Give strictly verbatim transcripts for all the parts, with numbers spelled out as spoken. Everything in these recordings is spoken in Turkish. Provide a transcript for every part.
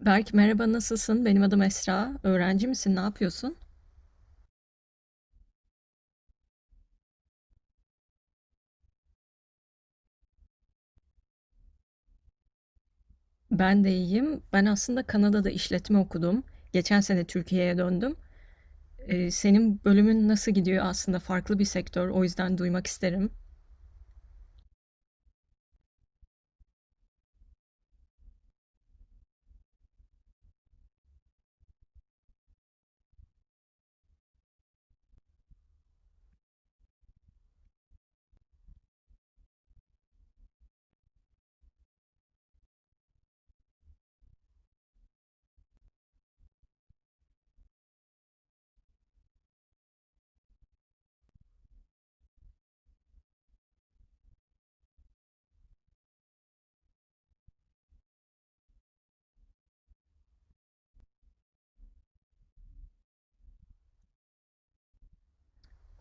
Berk merhaba, nasılsın? Benim adım Esra. Öğrenci misin? Ne yapıyorsun? Ben de iyiyim. Ben aslında Kanada'da işletme okudum. Geçen sene Türkiye'ye döndüm. Ee, senin bölümün nasıl gidiyor? Aslında farklı bir sektör. O yüzden duymak isterim.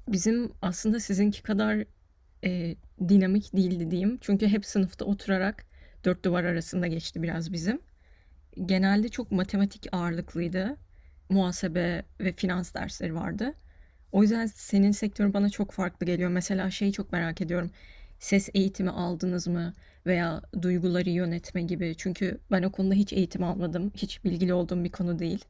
Bizim aslında sizinki kadar e, dinamik değildi diyeyim. Çünkü hep sınıfta oturarak dört duvar arasında geçti biraz bizim. Genelde çok matematik ağırlıklıydı. Muhasebe ve finans dersleri vardı. O yüzden senin sektörün bana çok farklı geliyor. Mesela şeyi çok merak ediyorum. Ses eğitimi aldınız mı veya duyguları yönetme gibi. Çünkü ben o konuda hiç eğitim almadım. Hiç bilgili olduğum bir konu değil.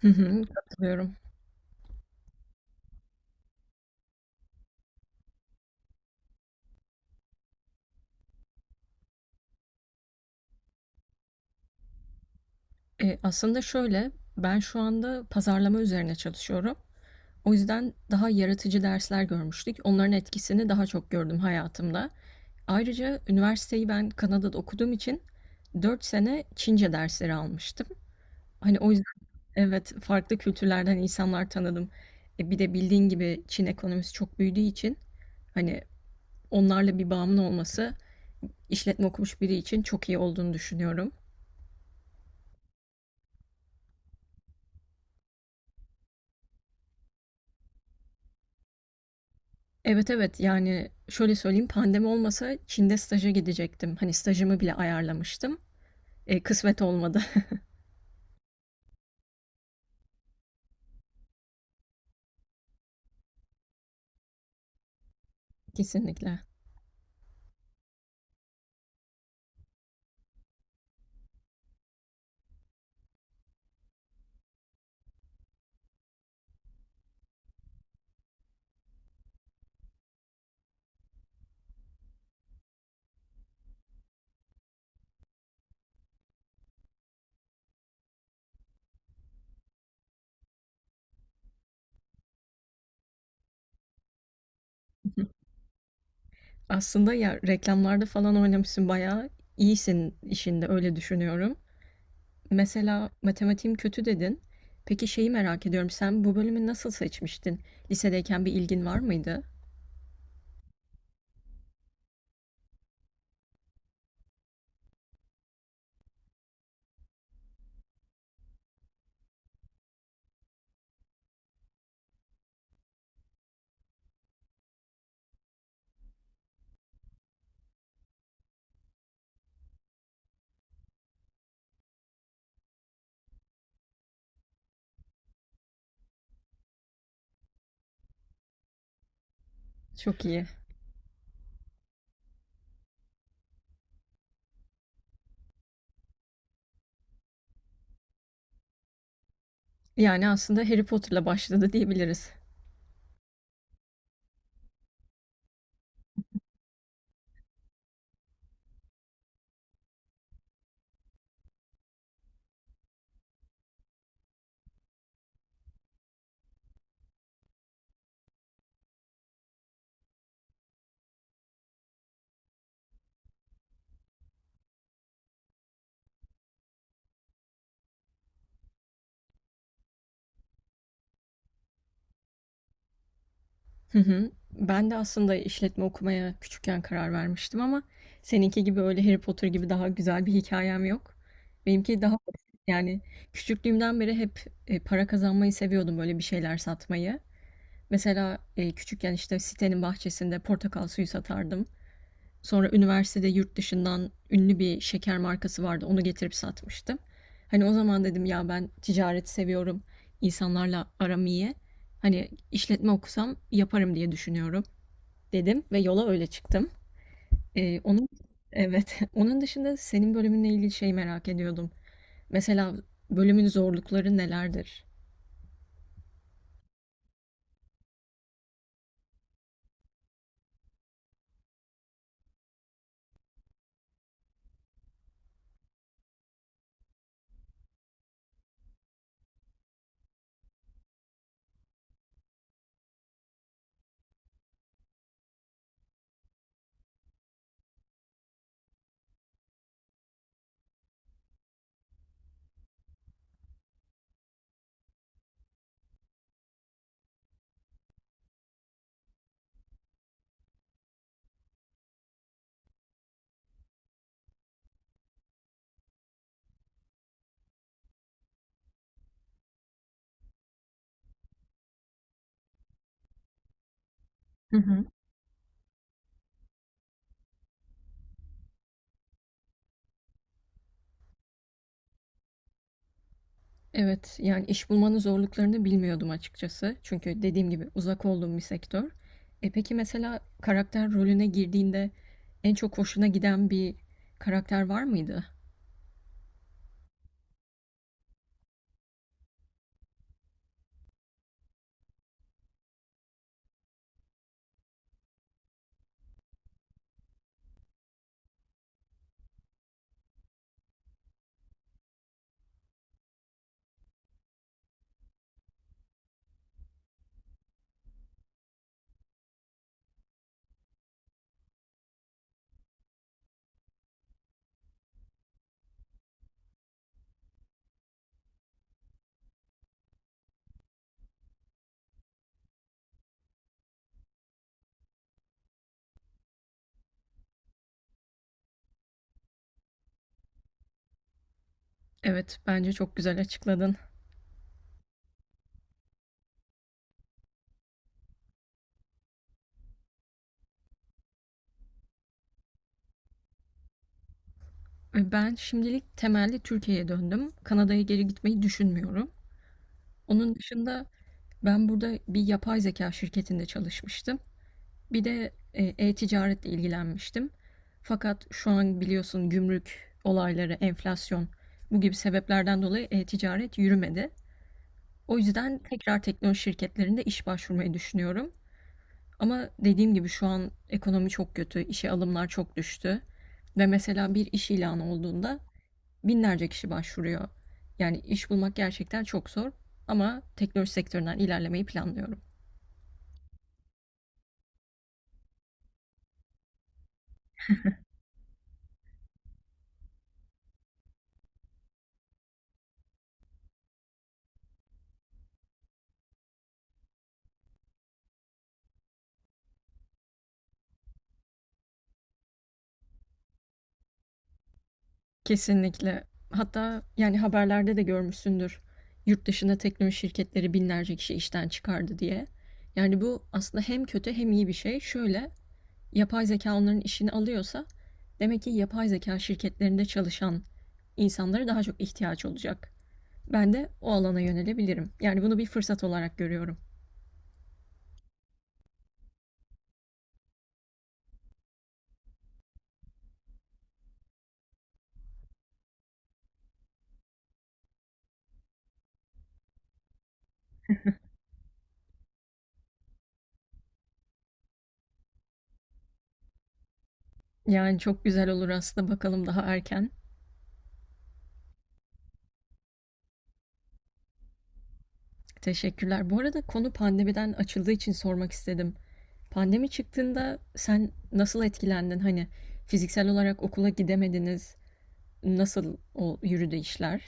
Hı hı, katılıyorum. E, aslında şöyle, ben şu anda pazarlama üzerine çalışıyorum. O yüzden daha yaratıcı dersler görmüştük. Onların etkisini daha çok gördüm hayatımda. Ayrıca üniversiteyi ben Kanada'da okuduğum için dört sene Çince dersleri almıştım. Hani o evet, farklı kültürlerden insanlar tanıdım. E, bir de bildiğin gibi Çin ekonomisi çok büyüdüğü için, hani, onlarla bir bağımın olması işletme okumuş biri için çok iyi olduğunu düşünüyorum. Evet, evet, yani şöyle söyleyeyim, pandemi olmasa Çin'de staja gidecektim. Hani stajımı bile ayarlamıştım. E, kısmet olmadı. Kesinlikle. Aslında ya, reklamlarda falan oynamışsın, bayağı iyisin işinde, öyle düşünüyorum. Mesela matematiğim kötü dedin. Peki şeyi merak ediyorum. Sen bu bölümü nasıl seçmiştin? Lisedeyken bir ilgin var mıydı? Çok iyi. Yani aslında Harry Potter'la başladı diyebiliriz. Hı hı. Ben de aslında işletme okumaya küçükken karar vermiştim ama seninki gibi öyle Harry Potter gibi daha güzel bir hikayem yok. Benimki daha, yani, küçüklüğümden beri hep e, para kazanmayı seviyordum, böyle bir şeyler satmayı. Mesela e, küçükken işte sitenin bahçesinde portakal suyu satardım. Sonra üniversitede yurt dışından ünlü bir şeker markası vardı. Onu getirip satmıştım. Hani o zaman dedim ya, ben ticareti seviyorum, insanlarla aram iyi. Hani işletme okusam yaparım diye düşünüyorum dedim ve yola öyle çıktım. Ee, onun evet. Onun dışında senin bölümünle ilgili şey merak ediyordum. Mesela bölümün zorlukları nelerdir? Evet, yani iş bulmanın zorluklarını bilmiyordum açıkçası. Çünkü dediğim gibi uzak olduğum bir sektör. E peki mesela karakter rolüne girdiğinde en çok hoşuna giden bir karakter var mıydı? Evet, bence çok güzel açıkladın. E, Ben şimdilik temelli Türkiye'ye döndüm. Kanada'ya geri gitmeyi düşünmüyorum. Onun dışında ben burada bir yapay zeka şirketinde çalışmıştım. Bir de e, ticaretle ilgilenmiştim. Fakat şu an biliyorsun, gümrük olayları, enflasyon, bu gibi sebeplerden dolayı e-ticaret yürümedi. O yüzden tekrar teknoloji şirketlerinde iş başvurmayı düşünüyorum. Ama dediğim gibi şu an ekonomi çok kötü, işe alımlar çok düştü. Ve mesela bir iş ilanı olduğunda binlerce kişi başvuruyor. Yani iş bulmak gerçekten çok zor ama teknoloji sektöründen ilerlemeyi planlıyorum. Kesinlikle. Hatta yani haberlerde de görmüşsündür. Yurt dışında teknoloji şirketleri binlerce kişi işten çıkardı diye. Yani bu aslında hem kötü hem iyi bir şey. Şöyle, yapay zeka onların işini alıyorsa demek ki yapay zeka şirketlerinde çalışan insanlara daha çok ihtiyaç olacak. Ben de o alana yönelebilirim. Yani bunu bir fırsat olarak görüyorum. Yani çok güzel olur aslında, bakalım, daha erken. Teşekkürler. Bu arada konu pandemiden açıldığı için sormak istedim. Pandemi çıktığında sen nasıl etkilendin? Hani fiziksel olarak okula gidemediniz. Nasıl o yürüdü işler?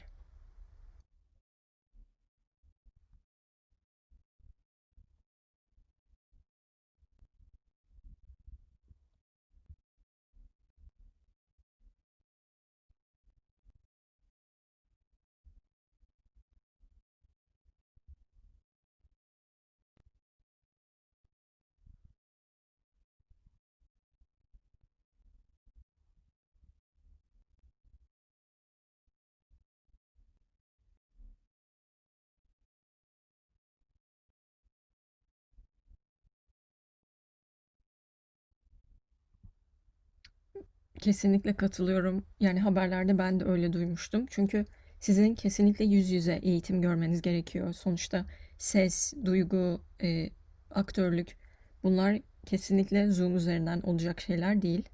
Kesinlikle katılıyorum. Yani haberlerde ben de öyle duymuştum. Çünkü sizin kesinlikle yüz yüze eğitim görmeniz gerekiyor. Sonuçta ses, duygu, e, aktörlük, bunlar kesinlikle Zoom üzerinden olacak şeyler değil.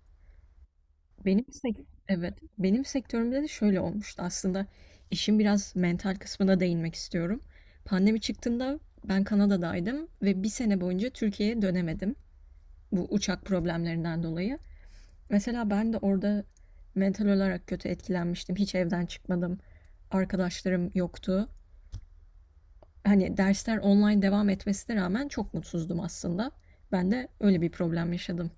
Benim sek- evet, benim sektörümde de şöyle olmuştu aslında. İşin biraz mental kısmına değinmek istiyorum. Pandemi çıktığında ben Kanada'daydım ve bir sene boyunca Türkiye'ye dönemedim, bu uçak problemlerinden dolayı. Mesela ben de orada mental olarak kötü etkilenmiştim. Hiç evden çıkmadım. Arkadaşlarım yoktu. Hani dersler online devam etmesine rağmen çok mutsuzdum aslında. Ben de öyle bir problem yaşadım.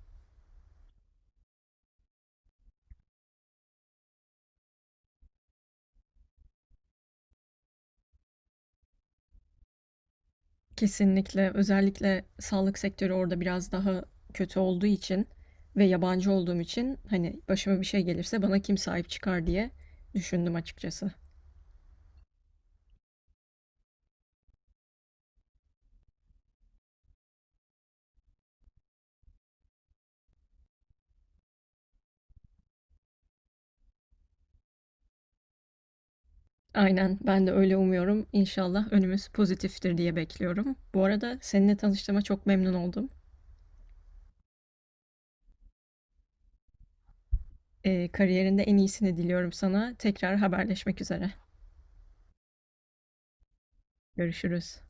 Kesinlikle. Özellikle sağlık sektörü orada biraz daha kötü olduğu için ve yabancı olduğum için, hani başıma bir şey gelirse bana kim sahip çıkar diye düşündüm açıkçası. Aynen, ben de öyle umuyorum. İnşallah önümüz pozitiftir diye bekliyorum. Bu arada seninle tanıştığıma çok memnun oldum. Ee, kariyerinde en iyisini diliyorum sana. Tekrar haberleşmek üzere. Görüşürüz.